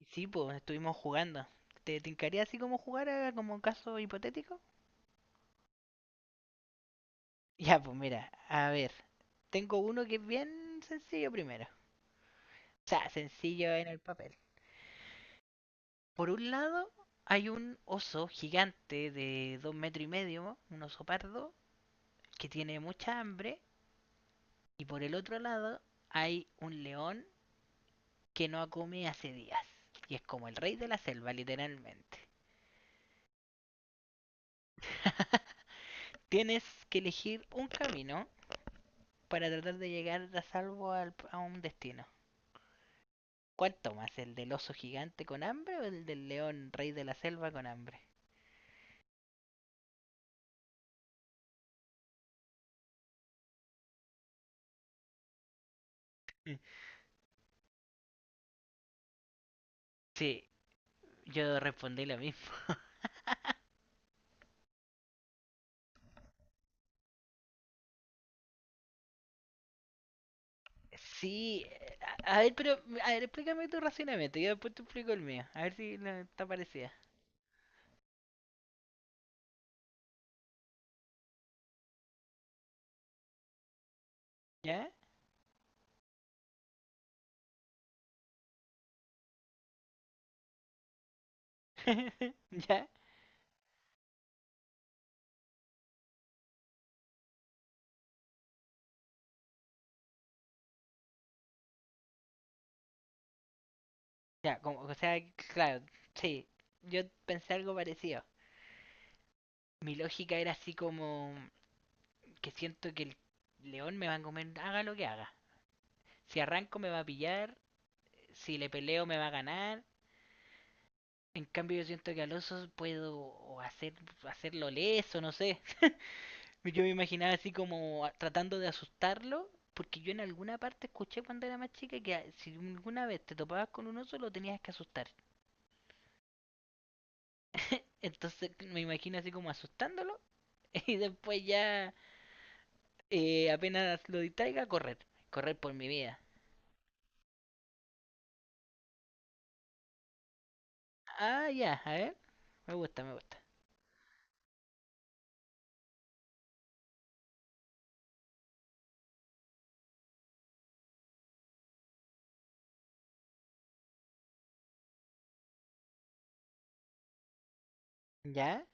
Y sí, pues estuvimos jugando. ¿Te tincaría así como jugar como un caso hipotético? Ya, pues mira, a ver, tengo uno que es bien sencillo primero. O sea, sencillo en el papel. Por un lado, hay un oso gigante de dos metros y medio, un oso pardo, que tiene mucha hambre. Y por el otro lado, hay un león que no come hace días. Y es como el rey de la selva, literalmente. Tienes que elegir un camino para tratar de llegar a salvo a un destino. ¿Cuál tomas? ¿El del oso gigante con hambre o el del león rey de la selva con hambre? Sí, yo respondí lo mismo. Sí, a ver, pero a ver, explícame tu racionamiento, yo después te explico el mío, a ver si no está parecida. ¿Ya? ¿Ya? Ya, como, o sea, claro, sí, yo pensé algo parecido. Mi lógica era así como que siento que el león me va a comer, haga lo que haga. Si arranco me va a pillar, si le peleo me va a ganar. En cambio yo siento que al oso puedo hacer, hacerlo leso, no sé. Yo me imaginaba así como tratando de asustarlo, porque yo en alguna parte escuché cuando era más chica que si alguna vez te topabas con un oso lo tenías que asustar. Entonces me imagino así como asustándolo y después ya apenas lo distraiga, correr. Correr por mi vida. Ah, ya, a ver. Me gusta, me gusta. ¿Ya?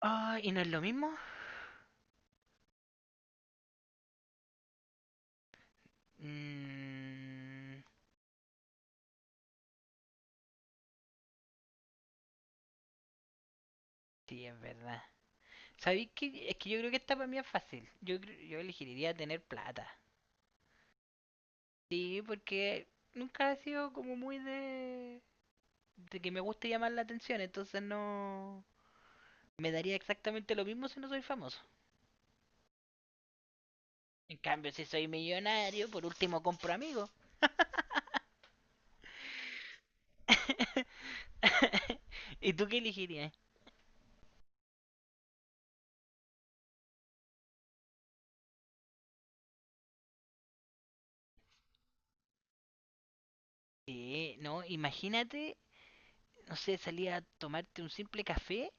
Ah, ¿y no es lo mismo? Mm, sí, es verdad. ¿Sabéis que es que yo creo que esta para mí es fácil? Yo, yo elegiría tener plata. Sí, porque nunca ha sido como muy de que me guste llamar la atención, entonces no... Me daría exactamente lo mismo si no soy famoso. En cambio, si soy millonario, por último compro amigos. ¿Y tú qué elegirías? Sí, no, imagínate, no sé, salir a tomarte un simple café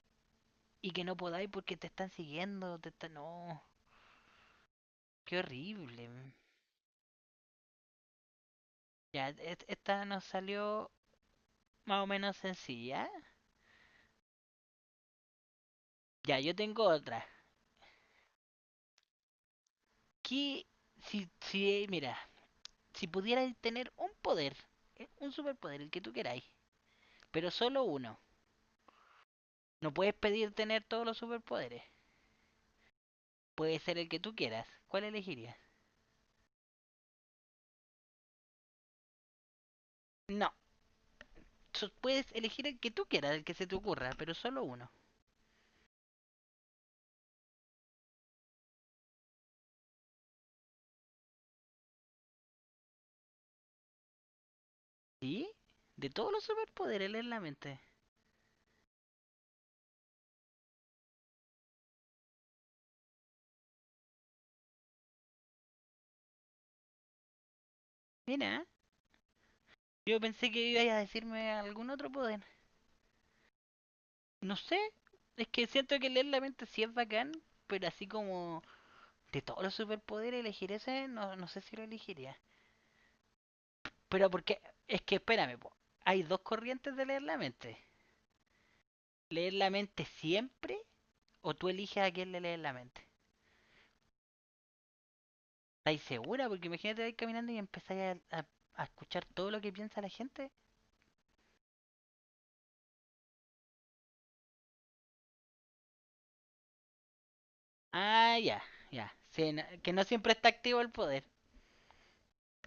y que no podáis porque te están siguiendo, te están... No, qué horrible. Ya, esta nos salió más o menos sencilla. Ya, yo tengo otra. ¿Qué, si, mira, si pudieras tener un poder, un superpoder, el que tú queráis, pero solo uno, no puedes pedir tener todos los superpoderes. Puede ser el que tú quieras. ¿Cuál elegirías? No, puedes elegir el que tú quieras, el que se te ocurra, pero solo uno. ¿Sí? De todos los superpoderes leer la mente. Mira, yo pensé que ibas a decirme algún otro poder. No sé, es que siento que leer la mente sí es bacán, pero así como de todos los superpoderes elegir ese, no, no sé si lo elegiría. Pero porque, es que espérame, po, hay dos corrientes de leer la mente. ¿Leer la mente siempre o tú eliges a quién le lees la mente? ¿Estáis segura? Porque imagínate vais caminando y empezáis a escuchar todo lo que piensa la gente. Ah, ya, ya. Sí, que no siempre está activo el poder.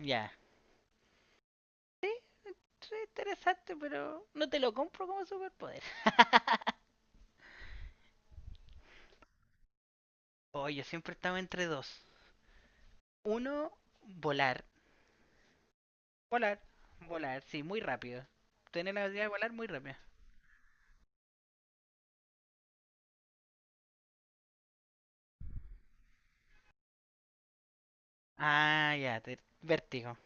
Ya. Sí, interesante, pero no te lo compro como superpoder. Oye, yo siempre estaba entre dos. Uno, volar. Volar. Volar, sí, muy rápido. Tener la habilidad de volar muy rápido. Ah, ya, vértigo.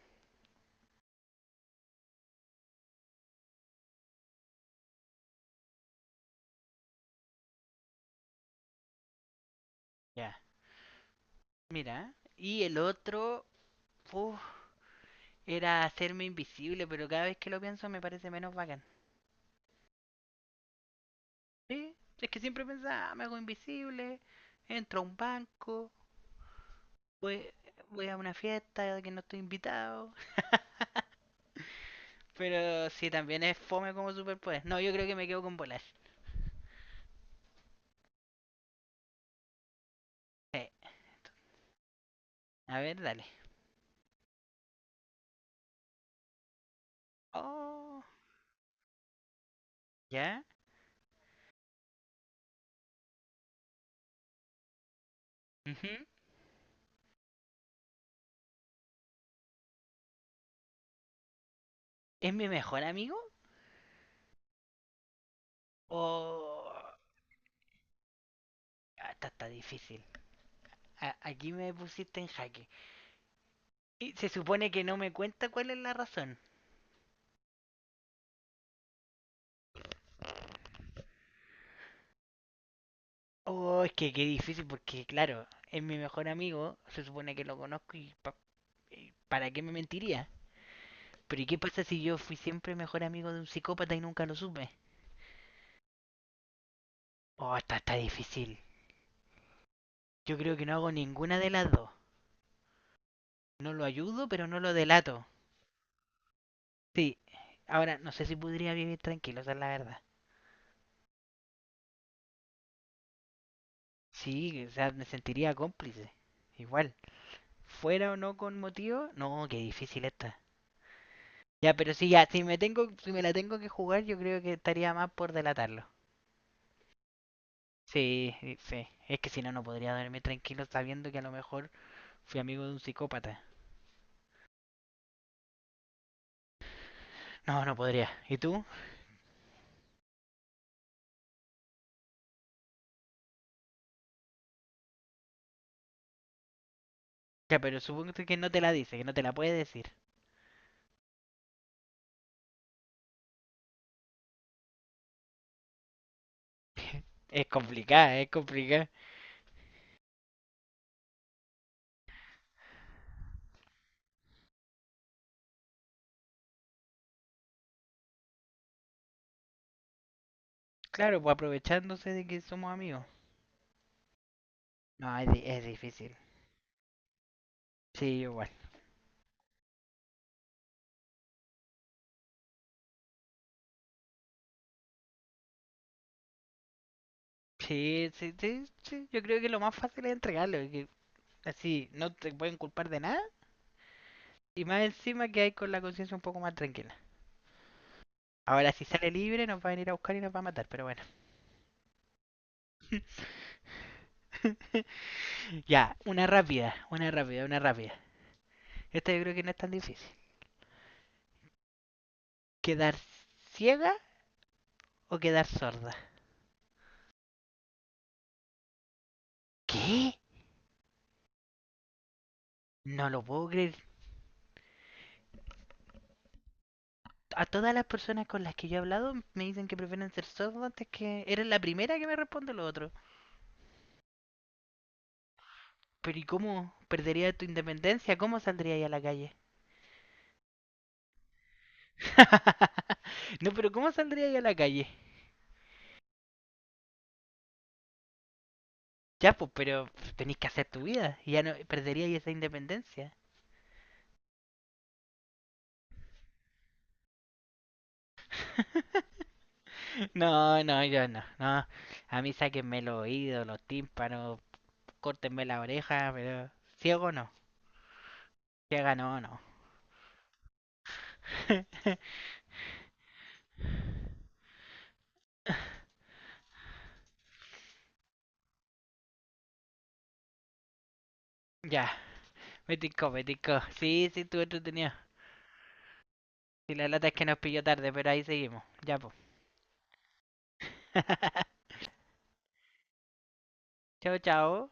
Ya. Mira. Y el otro, uf, era hacerme invisible, pero cada vez que lo pienso me parece menos bacán. Sí, es que siempre pensaba, "Ah, me hago invisible, entro a un banco, voy, voy a una fiesta a la que no estoy invitado. Pero sí, también es fome como superpoder. No, yo creo que me quedo con volar. Sí. A ver, dale. Oh, ¿ya? Ujú. ¿Es mi mejor amigo? ¿O...? Ah, está, está difícil. Aquí me pusiste en jaque. Y se supone que no me cuenta cuál es la razón. Oh, es que qué difícil porque, claro, es mi mejor amigo, se supone que lo conozco y, y ¿para qué me mentiría? Pero ¿y qué pasa si yo fui siempre mejor amigo de un psicópata y nunca lo supe? Oh, está, está difícil. Yo creo que no hago ninguna de las dos. No lo ayudo, pero no lo delato. Sí, ahora no sé si podría vivir tranquilo, esa es la verdad. Sí, o sea, me sentiría cómplice. Igual. Fuera o no con motivo, no, qué difícil está. Ya, pero sí, ya, si me tengo, si me la tengo que jugar, yo creo que estaría más por delatarlo. Sí, sí. Es que si no, no podría dormir tranquilo sabiendo que a lo mejor fui amigo de un psicópata. No, no podría. ¿Y tú? Ya, pero supongo que no te la dice, que no te la puede decir. Es complicada, es complicada. Claro, pues aprovechándose de que somos amigos. No, es, es difícil. Sí, igual. Sí, sí, sí, sí, yo creo que lo más fácil es entregarlo, y que así no te pueden culpar de nada. Y más encima que hay con la conciencia un poco más tranquila. Ahora, si sale libre, nos va a venir a buscar y nos va a matar. Pero bueno. Ya, una rápida, una rápida, una rápida. Esta yo creo que no es tan difícil. ¿Quedar ciega o quedar sorda? ¿Qué? No lo puedo creer. A todas las personas con las que yo he hablado me dicen que prefieren ser sordos antes que... Eres la primera que me responde lo otro. Pero ¿y cómo perdería tu independencia? ¿Cómo saldría ahí a la calle? No, pero ¿cómo saldría ahí a la calle? Ya, pues, pero tenéis que hacer tu vida. Y ya no perderíais esa independencia. No, no, yo no, no. A mí sáquenme los oídos, los tímpanos, córtenme la oreja, pero ciego no. Ciega no, no. Ya, me tincó, me tincó. Sí, sí, estuvo entretenido. Y la lata es que nos pilló tarde, pero ahí seguimos. Ya, pues. Chao, chao.